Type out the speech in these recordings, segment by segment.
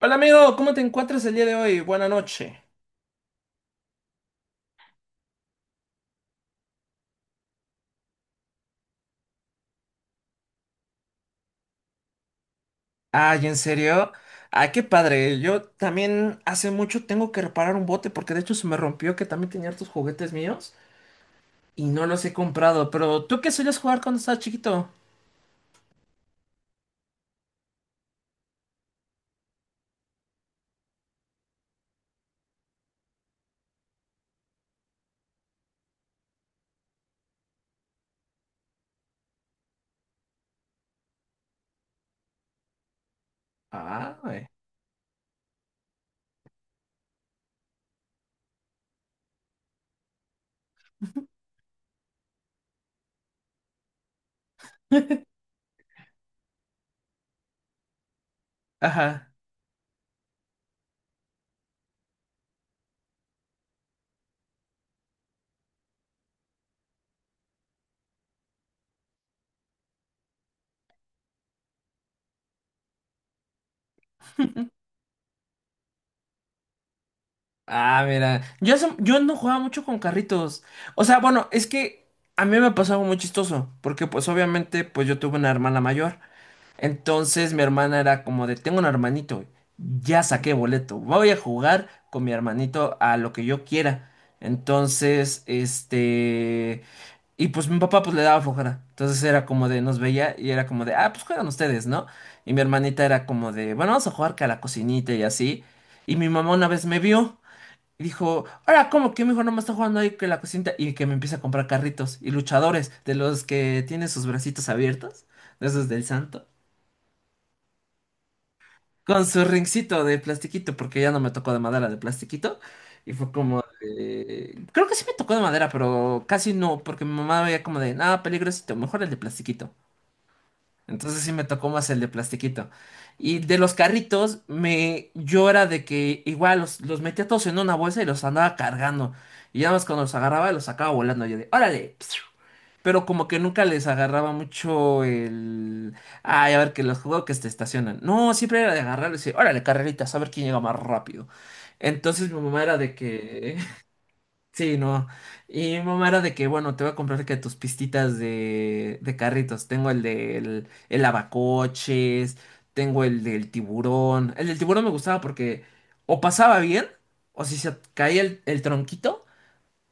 Hola amigo, ¿cómo te encuentras el día de hoy? Buena noche. Ay, ¿en serio? Ay, qué padre. Yo también hace mucho tengo que reparar un bote porque de hecho se me rompió que también tenía hartos juguetes míos y no los he comprado. Pero ¿tú qué solías jugar cuando estabas chiquito? Ah, güey. Ajá. Ah, mira. Yo, yo no jugaba mucho con carritos. O sea, bueno, es que a mí me pasó algo muy chistoso porque pues obviamente pues yo tuve una hermana mayor. Entonces mi hermana era como de, tengo un hermanito, ya saqué boleto, voy a jugar con mi hermanito a lo que yo quiera. Entonces, Y pues mi papá pues le daba flojera. Entonces era como de, nos veía y era como de, ah, pues juegan ustedes, ¿no? Y mi hermanita era como de, bueno, vamos a jugar que a la cocinita y así. Y mi mamá una vez me vio y dijo, ahora, ¿cómo que mi hijo no me está jugando ahí que la cocinita? Y que me empieza a comprar carritos y luchadores de los que tienen sus bracitos abiertos, de esos del santo. Con su ringcito de plastiquito, porque ya no me tocó de madera, de plastiquito. Y fue como de... Creo que sí me tocó de madera, pero casi no, porque mi mamá veía como de, nada, peligrosito, mejor el de plastiquito. Entonces sí me tocó más el de plastiquito. Y de los carritos, me... yo era de que igual los metía todos en una bolsa y los andaba cargando. Y ya más cuando los agarraba, los sacaba volando. Yo de, órale. Pero como que nunca les agarraba mucho el... Ay, a ver, que los juegos que se estacionan. No, siempre era de agarrar y decir, órale, carreritas, a ver quién llega más rápido. Entonces mi mamá era de que... Sí, no. Y mi mamá era de que, bueno, te voy a comprar que tus pistitas de carritos. Tengo el del el lavacoches, tengo el del tiburón. El del tiburón me gustaba porque o pasaba bien, o si se caía el tronquito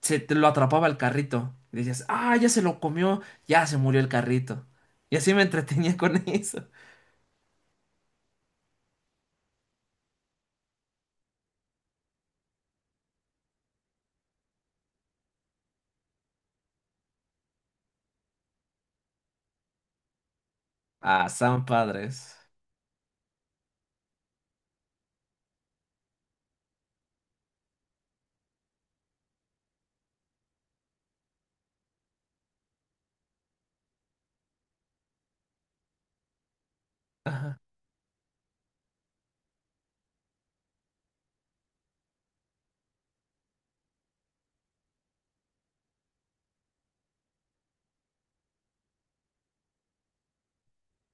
se te lo atrapaba el carrito. Y decías, ah, ya se lo comió, ya se murió el carrito. Y así me entretenía con eso. Ah, estaban padres.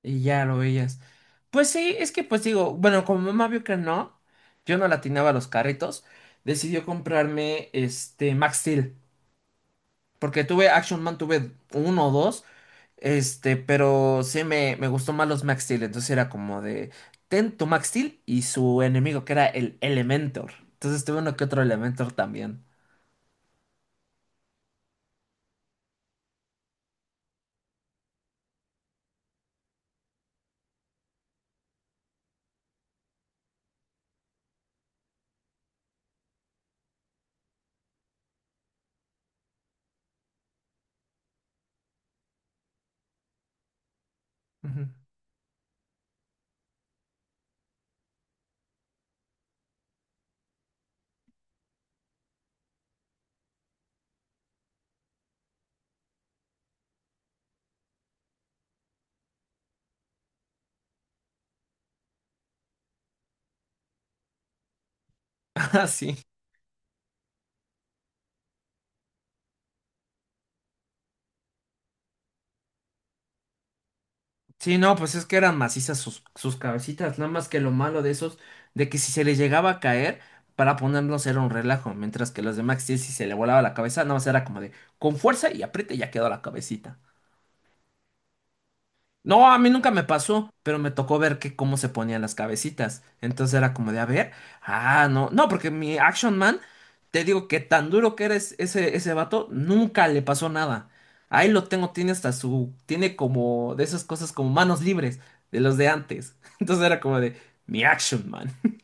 Y ya lo veías. Pues sí, es que pues digo, bueno, como mamá vio que no, yo no latinaba los carritos, decidió comprarme este Max Steel. Porque tuve Action Man, tuve uno o dos. Pero sí me gustó más los Max Steel. Entonces era como de. Ten tu Max Steel y su enemigo, que era el Elementor. Entonces tuve uno que otro Elementor también. Ujú. Ah, sí. Sí, no, pues es que eran macizas sus cabecitas. Nada más que lo malo de esos, de que si se les llegaba a caer, para ponerlos era un relajo. Mientras que los de Max Steel, si se le volaba la cabeza, nada más era como de con fuerza y apriete y ya quedó la cabecita. No, a mí nunca me pasó, pero me tocó ver que cómo se ponían las cabecitas. Entonces era como de, a ver, ah, no, no, porque mi Action Man, te digo que tan duro que eres ese, ese vato, nunca le pasó nada. Ahí lo tengo, tiene hasta su, tiene como de esas cosas como manos libres, de los de antes. Entonces era como de, mi Action Man.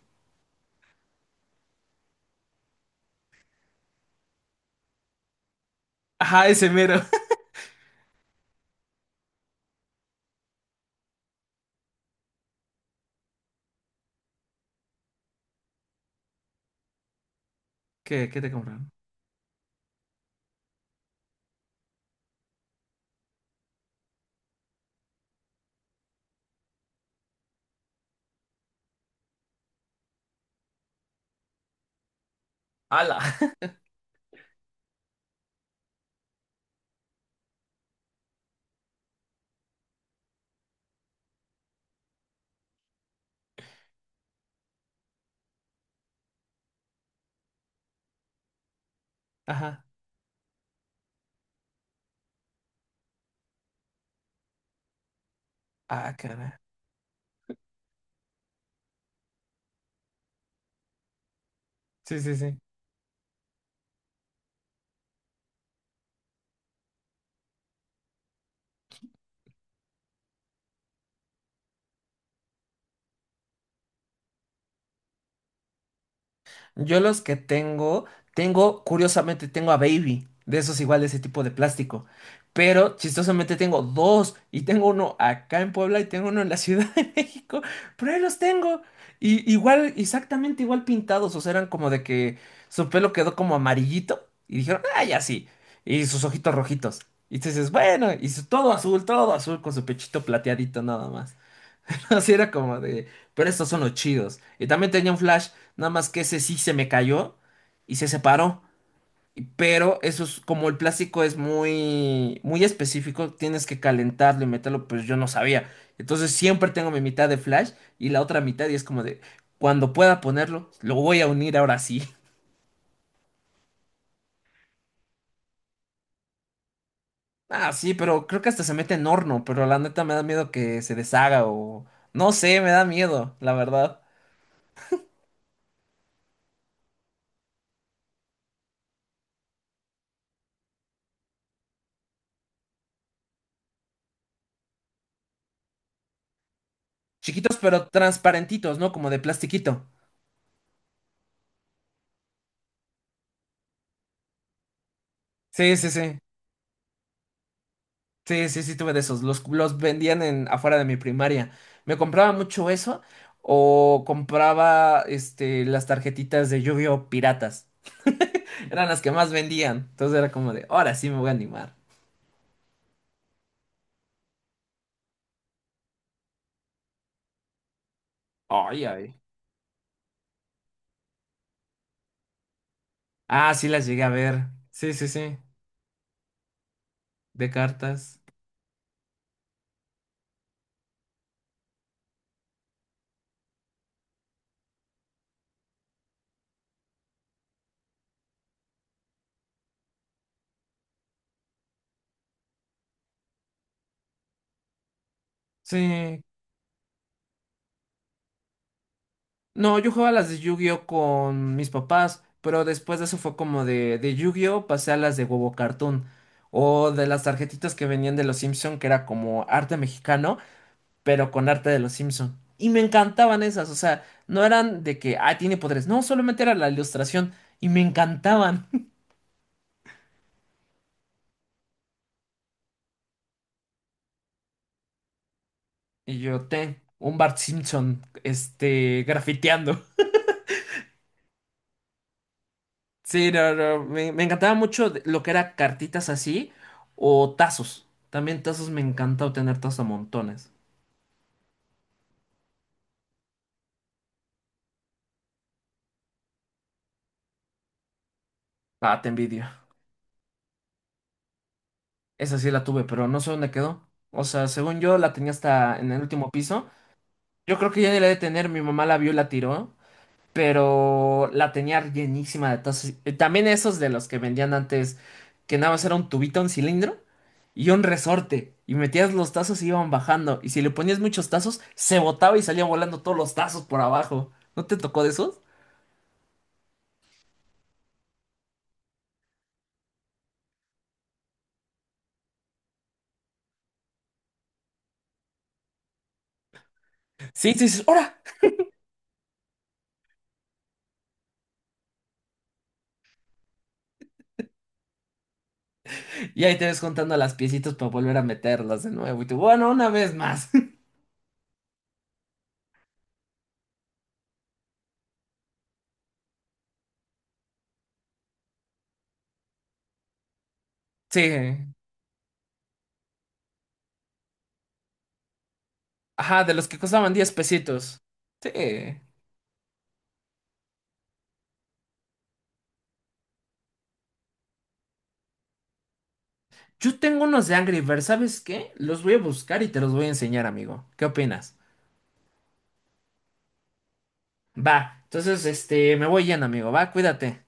Ajá, ese mero. ¿Qué, qué te compraron? Ala. Ajá. Ah, caray. Sí, sí, sí. Yo los que tengo, tengo, curiosamente, tengo a Baby, de esos igual, de ese tipo de plástico. Pero chistosamente tengo dos, y tengo uno acá en Puebla y tengo uno en la Ciudad de México, pero ahí los tengo. Y igual, exactamente igual pintados, o sea, eran como de que su pelo quedó como amarillito y dijeron, ah, ya sí, y sus ojitos rojitos. Y tú dices, bueno, todo azul con su pechito plateadito nada más. Así era como de, pero estos son los chidos. Y también tenía un flash, nada más que ese sí se me cayó y se separó. Y- Pero eso es como el plástico es muy, muy específico, tienes que calentarlo y meterlo, pues yo no sabía. Entonces siempre tengo mi mitad de flash y la otra mitad y es como de, cuando pueda ponerlo, lo voy a unir ahora sí. Ah, sí, pero creo que hasta se mete en horno, pero la neta me da miedo que se deshaga o... No sé, me da miedo, la verdad. Chiquitos pero transparentitos, ¿no? Como de plastiquito. Sí, sí, sí. Sí, sí, sí, tuve de esos. Los vendían en afuera de mi primaria. Me compraba mucho eso o compraba este, las tarjetitas de Yu-Gi-Oh! Piratas. Eran las que más vendían. Entonces era como de, ahora sí me voy a animar. Ay, ay. Ah, sí las llegué a ver. Sí, sí, sí. De cartas. Sí. No, yo jugaba las de Yu-Gi-Oh con mis papás, pero después de eso fue como de Yu-Gi-Oh pasé a las de Huevo Cartoon o de las tarjetitas que venían de los Simpson, que era como arte mexicano, pero con arte de los Simpson. Y me encantaban esas, o sea, no eran de que, ah, tiene poderes, no, solamente era la ilustración y me encantaban. Y yo, ten, un Bart Simpson, este, grafiteando. Sí, no, no, me encantaba mucho lo que era cartitas así o tazos. También tazos me encantaba tener tazos a montones. Ah, te envidio. Esa sí la tuve, pero no sé dónde quedó. O sea, según yo la tenía hasta en el último piso. Yo creo que ya ni la he de tener, mi mamá la vio y la tiró. Pero la tenía llenísima de tazos. También esos de los que vendían antes, que nada más era un tubito, un cilindro y un resorte. Y metías los tazos y iban bajando. Y si le ponías muchos tazos, se botaba y salía volando todos los tazos por abajo. ¿No te tocó de esos? Sí, sí, dices, ¡hora! Y ahí te ves contando las piecitas para volver a meterlas de nuevo. Y tú, bueno, una vez más. Sí. Ajá, de los que costaban 10 pesitos. Sí. Yo tengo unos de Angry Birds, ¿sabes qué? Los voy a buscar y te los voy a enseñar, amigo. ¿Qué opinas? Va, entonces este, me voy yendo, amigo, va, cuídate.